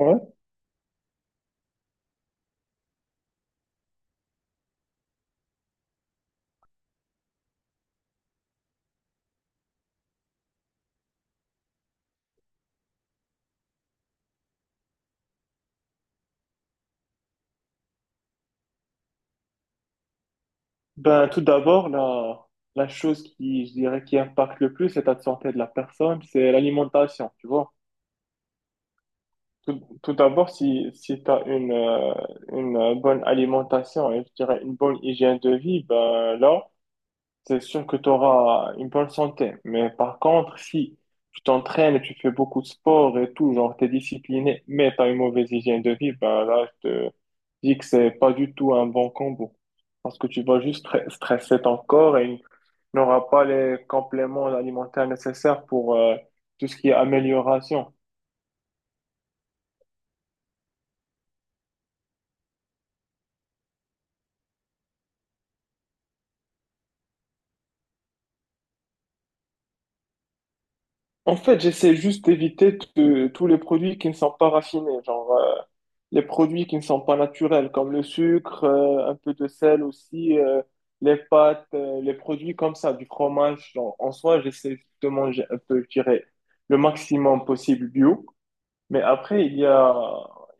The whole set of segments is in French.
Ouais. Ben, tout d'abord, la chose qui, je dirais, qui impacte le plus l'état de santé de la personne, c'est l'alimentation, tu vois. Tout d'abord, si tu as une bonne alimentation et, je dirais, une bonne hygiène de vie, ben là, c'est sûr que tu auras une bonne santé. Mais par contre, si tu t'entraînes et tu fais beaucoup de sport et tout, genre t'es discipliné, mais tu as une mauvaise hygiène de vie, ben là, je te dis que c'est pas du tout un bon combo. Parce que tu vas juste stresser ton corps et il n'aura pas les compléments alimentaires nécessaires pour tout ce qui est amélioration. En fait, j'essaie juste d'éviter tous les produits qui ne sont pas raffinés, genre les produits qui ne sont pas naturels, comme le sucre, un peu de sel aussi, les pâtes, les produits comme ça, du fromage. Genre, en soi, j'essaie juste de manger un peu, je dirais, le maximum possible bio. Mais après,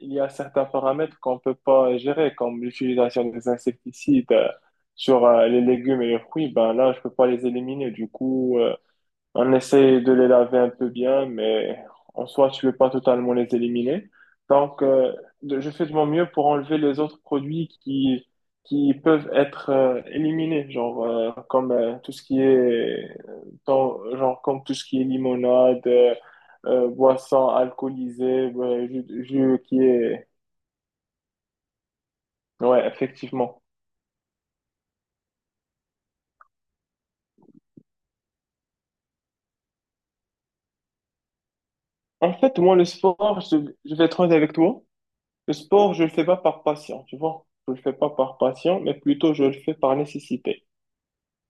il y a certains paramètres qu'on ne peut pas gérer, comme l'utilisation des insecticides sur les légumes et les fruits. Ben là, je ne peux pas les éliminer. Du coup, on essaie de les laver un peu bien, mais en soi, tu peux pas totalement les éliminer. Donc, je fais de mon mieux pour enlever les autres produits qui peuvent être éliminés, genre comme tout ce qui est genre comme tout ce qui est limonade, boisson alcoolisée, ouais, jus qui est ouais, effectivement. En fait, moi, le sport, je vais être honnête avec toi. Le sport, je le fais pas par passion, tu vois. Je le fais pas par passion, mais plutôt je le fais par nécessité.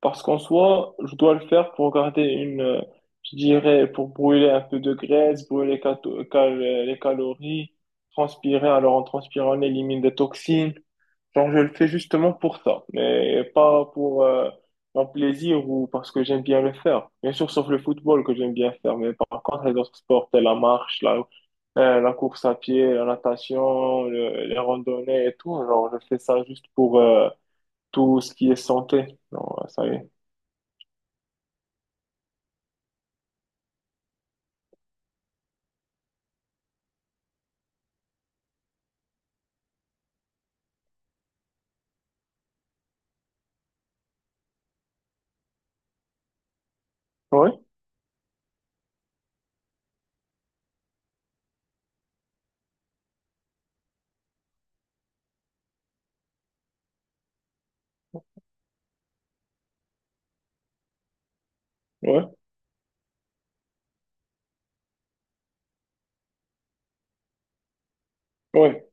Parce qu'en soi, je dois le faire pour garder une, je dirais, pour brûler un peu de graisse, brûler les calories, transpirer. Alors en transpirant, on élimine des toxines. Genre, je le fais justement pour ça, mais pas pour mon plaisir ou parce que j'aime bien le faire. Bien sûr, sauf le football que j'aime bien faire, mais par contre, les autres sports, tels la marche, la course à pied, la natation, les randonnées et tout, genre, je fais ça juste pour, tout ce qui est santé. Non, ça y est. Oui, oui, ouais,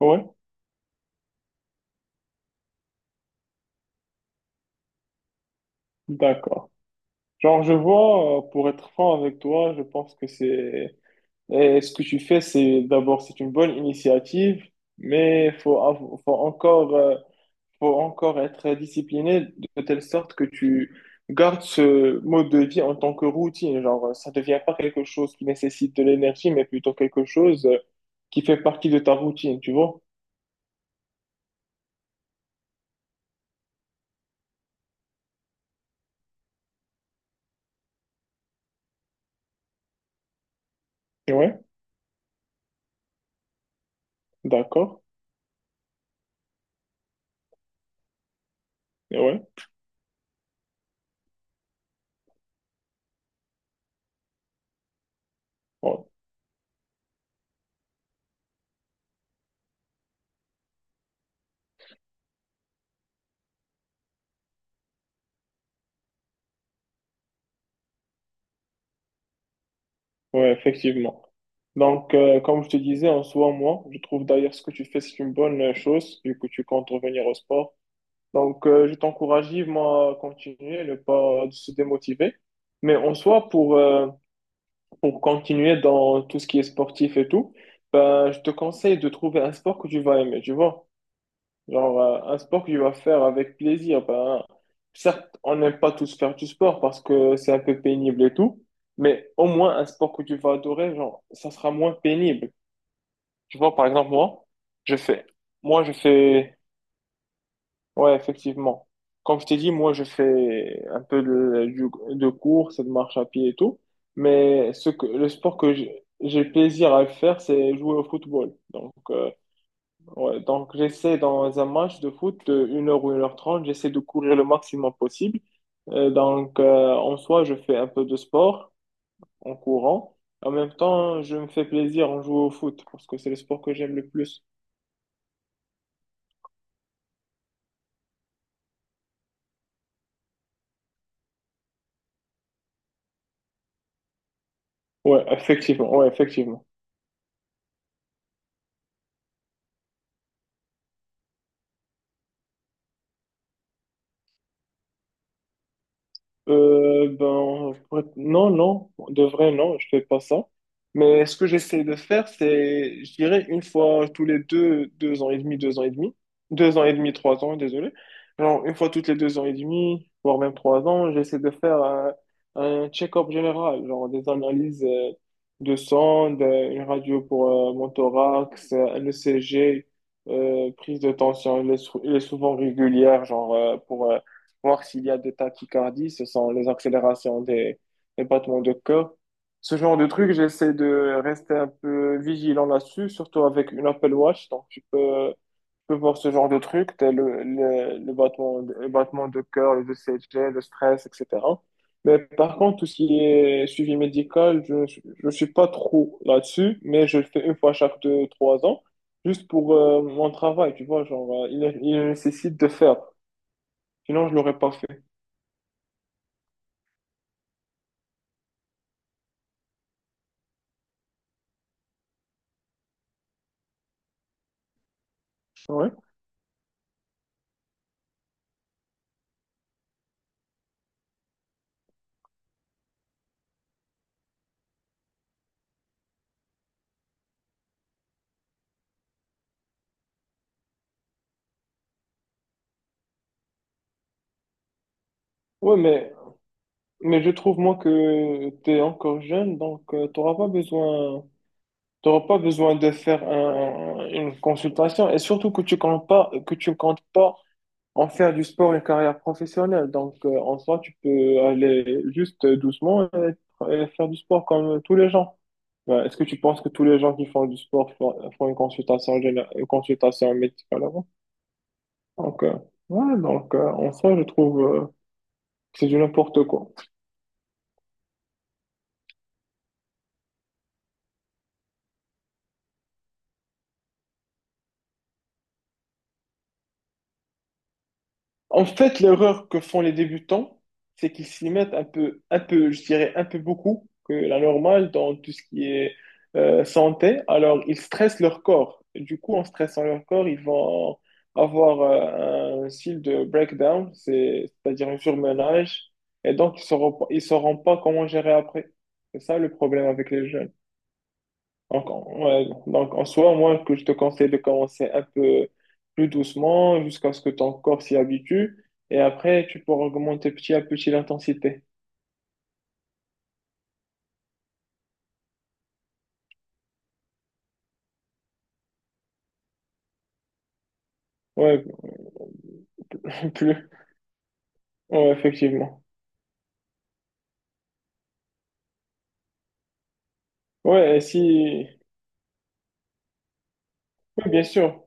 ouais. D'accord. Genre, je vois, pour être franc avec toi, je pense que c'est, et ce que tu fais, c'est d'abord, c'est une bonne initiative, mais faut encore être discipliné de telle sorte que tu gardes ce mode de vie en tant que routine. Genre, ça devient pas quelque chose qui nécessite de l'énergie, mais plutôt quelque chose qui fait partie de ta routine, tu vois? Ouais, d'accord. Ouais, ouais, ouais, effectivement. Donc, comme je te disais, en soi, moi, je trouve d'ailleurs ce que tu fais, c'est une bonne chose, vu que tu comptes revenir au sport. Donc, je t'encourage vivement à continuer, ne pas se démotiver. Mais en soi, pour continuer dans tout ce qui est sportif et tout, ben, je te conseille de trouver un sport que tu vas aimer, tu vois. Genre, un sport que tu vas faire avec plaisir. Ben, certes, on n'aime pas tous faire du sport parce que c'est un peu pénible et tout, mais au moins un sport que tu vas adorer, genre, ça sera moins pénible. Tu vois, par exemple, je fais, moi, je fais. Ouais, effectivement. Comme je t'ai dit, moi, je fais un peu de course et de marche à pied et tout. Mais ce que, le sport que j'ai plaisir à faire, c'est jouer au football. Donc, ouais, donc j'essaie dans un match de foot de 1 h ou 1 h 30, j'essaie de courir le maximum possible. Donc, en soi, je fais un peu de sport en courant. En même temps, je me fais plaisir en jouant au foot parce que c'est le sport que j'aime le plus. Ouais, effectivement. Ouais, effectivement. Ben, non, non, de vrai, non, je fais pas ça. Mais ce que j'essaie de faire, c'est, je dirais, une fois tous les deux, deux ans et demi, 3 ans, désolé. Genre, une fois toutes les 2 ans et demi, voire même 3 ans, j'essaie de faire un check-up général, genre des analyses de sang, une radio pour mon thorax, un ECG, prise de tension, elle est souvent régulière, genre pour voir s'il y a des tachycardies, ce sont les accélérations des battements de cœur. Ce genre de truc, j'essaie de rester un peu vigilant là-dessus, surtout avec une Apple Watch. Donc, tu peux voir ce genre de truc, tel le battement, de cœur, les ECG, le stress, etc. Mais par contre, tout ce qui est suivi médical, je ne suis pas trop là-dessus, mais je le fais une fois chaque 2, 3 ans, juste pour mon travail, tu vois, genre, il nécessite de faire. Sinon, je l'aurais pas fait. Ouais. Ouais, mais je trouve, moi, que tu es encore jeune, donc tu n'auras pas besoin, t'auras pas besoin de faire une consultation. Et surtout que tu comptes pas en faire du sport une carrière professionnelle. Donc, en soi, tu peux aller juste doucement et faire du sport comme tous les gens. Ouais, est-ce que tu penses que tous les gens qui font du sport font une consultation, une consultation médicale avant? Donc, ouais, donc, en soi, je trouve, que c'est du n'importe quoi. En fait, l'erreur que font les débutants, c'est qu'ils s'y mettent un peu, je dirais un peu beaucoup que la normale dans tout ce qui est santé. Alors, ils stressent leur corps. Du coup, en stressant leur corps, ils vont avoir un style de breakdown, c'est-à-dire un surmenage. Et donc, ils sauront pas comment gérer après. C'est ça le problème avec les jeunes. Donc, ouais, donc, en soi, moi, que je te conseille de commencer un peu plus doucement jusqu'à ce que ton corps s'y habitue. Et après, tu pourras augmenter petit à petit l'intensité. Ouais, plus. Ouais, effectivement. Ouais, et si... ouais, bien sûr.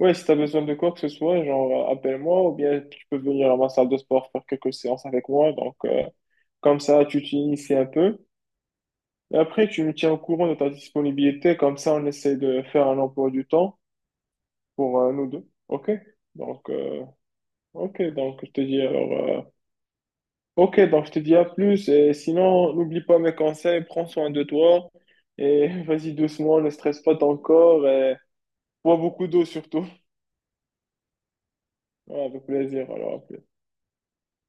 Ouais, si tu as besoin de quoi que ce soit, genre, appelle-moi ou bien tu peux venir à ma salle de sport faire quelques séances avec moi. Donc, comme ça, tu t'inities un peu. Et après, tu me tiens au courant de ta disponibilité. Comme ça, on essaie de faire un emploi du temps pour nous deux. OK? Donc, Ok, donc je te dis alors. Ok, donc je te dis à plus. Et sinon, n'oublie pas mes conseils, prends soin de toi. Et vas-y doucement, ne stresse pas ton corps. Et bois beaucoup d'eau surtout. Ouais, avec plaisir. Alors, à plus.